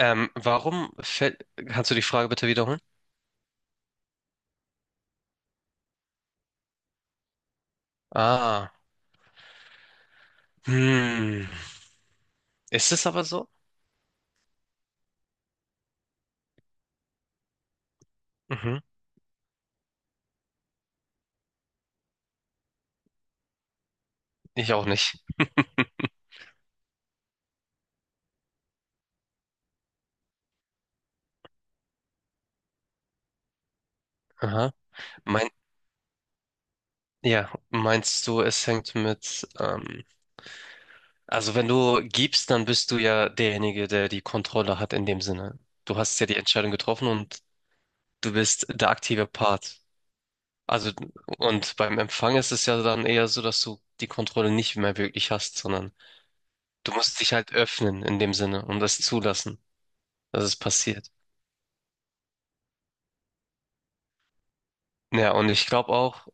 Warum fällt. Kannst du die Frage bitte wiederholen? Ah. Hm. Ist es aber so? Mhm. Ich auch nicht. Aha. Mein, ja, meinst du, es hängt mit. Also, wenn du gibst, dann bist du ja derjenige, der die Kontrolle hat in dem Sinne. Du hast ja die Entscheidung getroffen und du bist der aktive Part. Also, und beim Empfang ist es ja dann eher so, dass du die Kontrolle nicht mehr wirklich hast, sondern du musst dich halt öffnen in dem Sinne und das zulassen, dass es passiert. Ja, und ich glaube auch,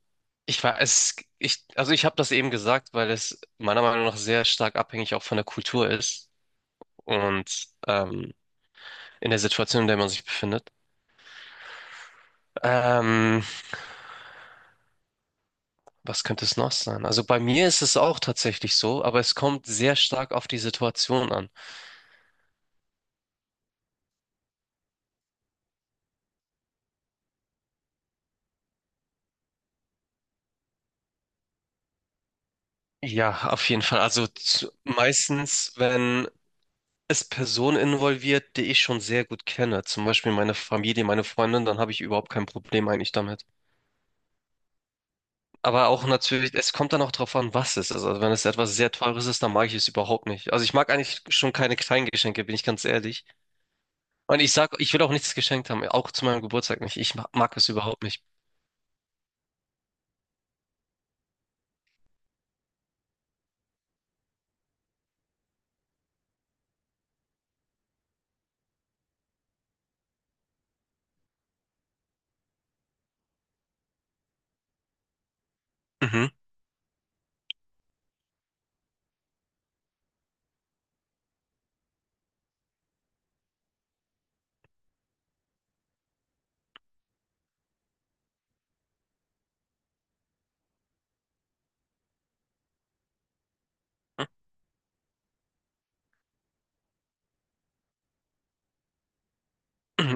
ich war es, ich, also ich habe das eben gesagt, weil es meiner Meinung nach sehr stark abhängig auch von der Kultur ist und in der Situation, in der man sich befindet. Ähm, Was könnte es noch sein? Also bei mir ist es auch tatsächlich so, aber es kommt sehr stark auf die Situation an. Ja, auf jeden Fall. Meistens, wenn es Personen involviert, die ich schon sehr gut kenne, zum Beispiel meine Familie, meine Freundin, dann habe ich überhaupt kein Problem eigentlich damit. Aber auch natürlich, es kommt dann auch drauf an, was es ist. Also wenn es etwas sehr Teures ist, dann mag ich es überhaupt nicht. Also ich mag eigentlich schon keine kleinen Geschenke, bin ich ganz ehrlich. Und ich sag, ich will auch nichts geschenkt haben, auch zu meinem Geburtstag nicht. Ich mag es überhaupt nicht. Mhm.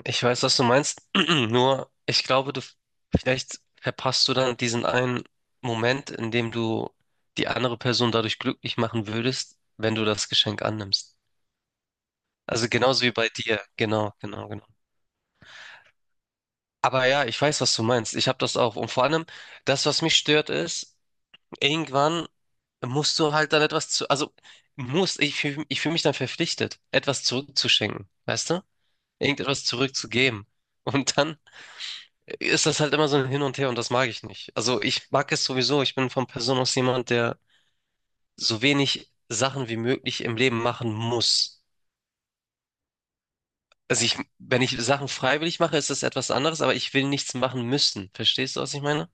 Ich weiß, was du meinst. Nur, ich glaube, du vielleicht verpasst du dann diesen einen Moment, in dem du die andere Person dadurch glücklich machen würdest, wenn du das Geschenk annimmst. Also genauso wie bei dir. Genau, genau, genau. Aber ja, ich weiß, was du meinst. Ich habe das auch. Und vor allem, das, was mich stört, ist, irgendwann musst du halt dann etwas zu, also muss, ich fühl mich dann verpflichtet, etwas zurückzuschenken, weißt du? Irgendetwas zurückzugeben. Und dann ist das halt immer so ein Hin und Her und das mag ich nicht. Also ich mag es sowieso. Ich bin von Person aus jemand, der so wenig Sachen wie möglich im Leben machen muss. Wenn ich Sachen freiwillig mache, ist das etwas anderes, aber ich will nichts machen müssen. Verstehst du, was ich meine?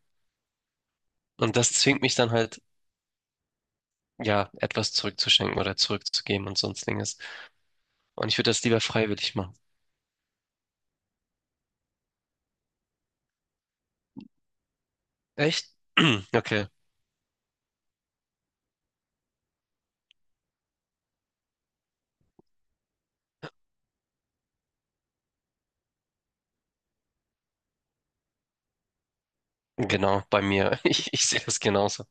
Und das zwingt mich dann halt ja, etwas zurückzuschenken oder zurückzugeben und sonstiges. Und ich würde das lieber freiwillig machen. Echt? Okay, genau, bei mir. Ich sehe das genauso.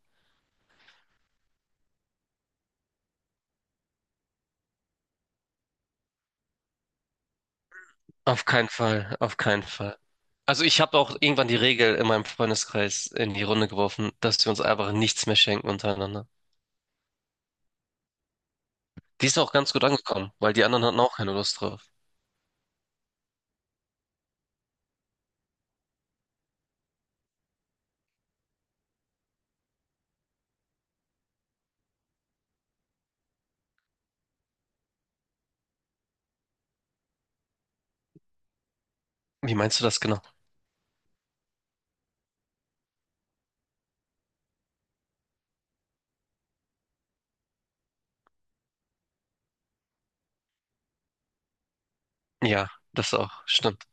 Auf keinen Fall, auf keinen Fall. Also ich habe auch irgendwann die Regel in meinem Freundeskreis in die Runde geworfen, dass wir uns einfach nichts mehr schenken untereinander. Die ist auch ganz gut angekommen, weil die anderen hatten auch keine Lust drauf. Wie meinst du das genau? Ja, das auch, stimmt.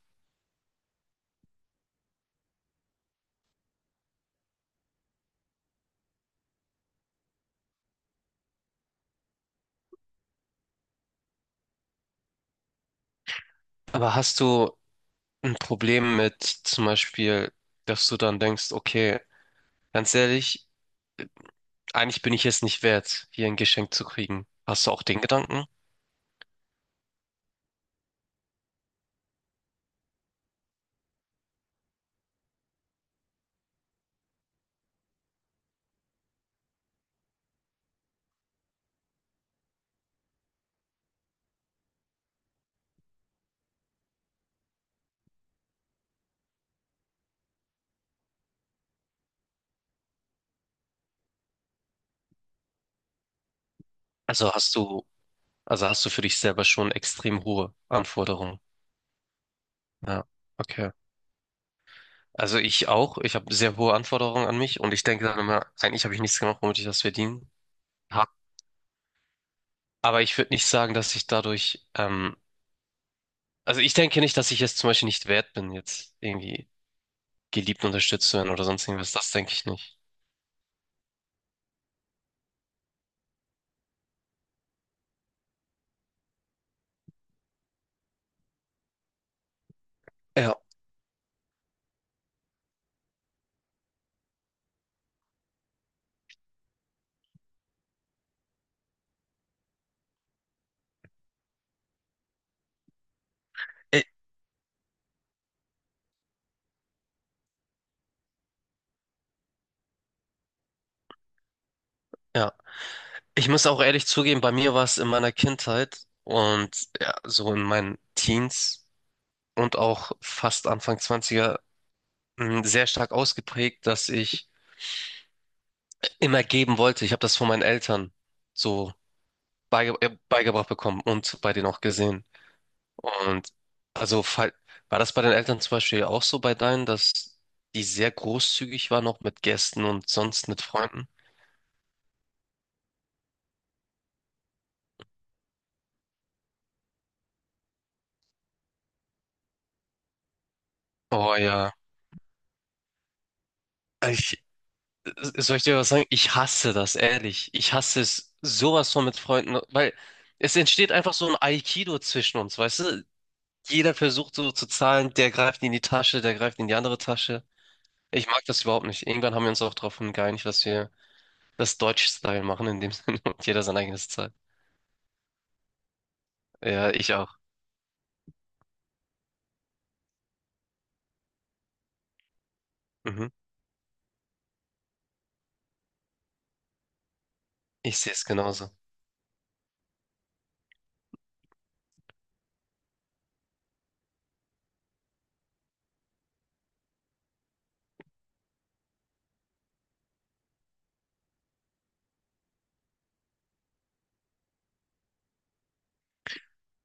Aber hast du ein Problem mit zum Beispiel, dass du dann denkst, okay, ganz ehrlich, eigentlich bin ich es nicht wert, hier ein Geschenk zu kriegen. Hast du auch den Gedanken? Also hast du, also hast du für dich selber schon extrem hohe Anforderungen. Ja, okay. Also ich auch. Ich habe sehr hohe Anforderungen an mich und ich denke dann immer, eigentlich habe ich nichts gemacht, womit ich das verdienen habe. Aber ich würde nicht sagen, dass ich dadurch, also ich denke nicht, dass ich jetzt zum Beispiel nicht wert bin, jetzt irgendwie geliebt unterstützt zu werden oder sonst irgendwas. Das denke ich nicht. Ja. Äh, Ja. Ich muss auch ehrlich zugeben, bei mir war es in meiner Kindheit und ja, so in meinen Teens und auch fast Anfang Zwanziger sehr stark ausgeprägt, dass ich immer geben wollte. Ich habe das von meinen Eltern so beigebracht bekommen und bei denen auch gesehen. Und also fall- war das bei den Eltern zum Beispiel auch so bei deinen, dass die sehr großzügig waren, auch mit Gästen und sonst mit Freunden? Oh ja. Soll ich dir was sagen? Ich hasse das, ehrlich. Ich hasse es sowas von mit Freunden, weil es entsteht einfach so ein Aikido zwischen uns, weißt du? Jeder versucht so zu zahlen, der greift in die Tasche, der greift in die andere Tasche. Ich mag das überhaupt nicht. Irgendwann haben wir uns auch darauf geeinigt, dass wir das Deutsch-Style machen in dem Sinne und jeder sein eigenes zahlt. Ja, ich auch. Mhm. Ich sehe es genauso.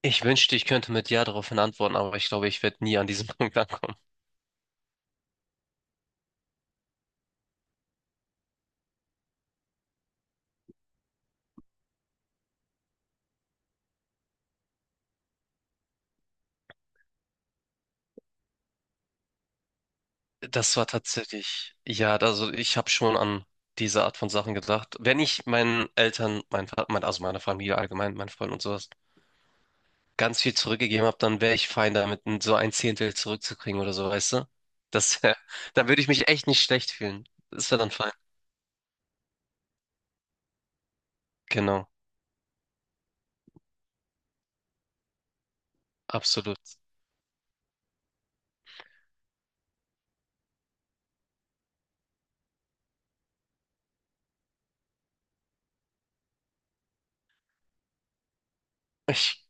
Ich wünschte, ich könnte mit Ja daraufhin antworten, aber ich glaube, ich werde nie an diesem Punkt ankommen. Das war tatsächlich, ja, also ich habe schon an diese Art von Sachen gedacht. Wenn ich meinen Eltern, also meiner Familie allgemein, meinen Freunden und sowas, ganz viel zurückgegeben habe, dann wäre ich fein damit, so ein Zehntel zurückzukriegen oder so, weißt du? Das wär, dann würde ich mich echt nicht schlecht fühlen. Das wäre dann fein. Genau, absolut. Ich,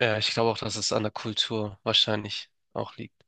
ja, ich glaube auch, dass es an der Kultur wahrscheinlich auch liegt.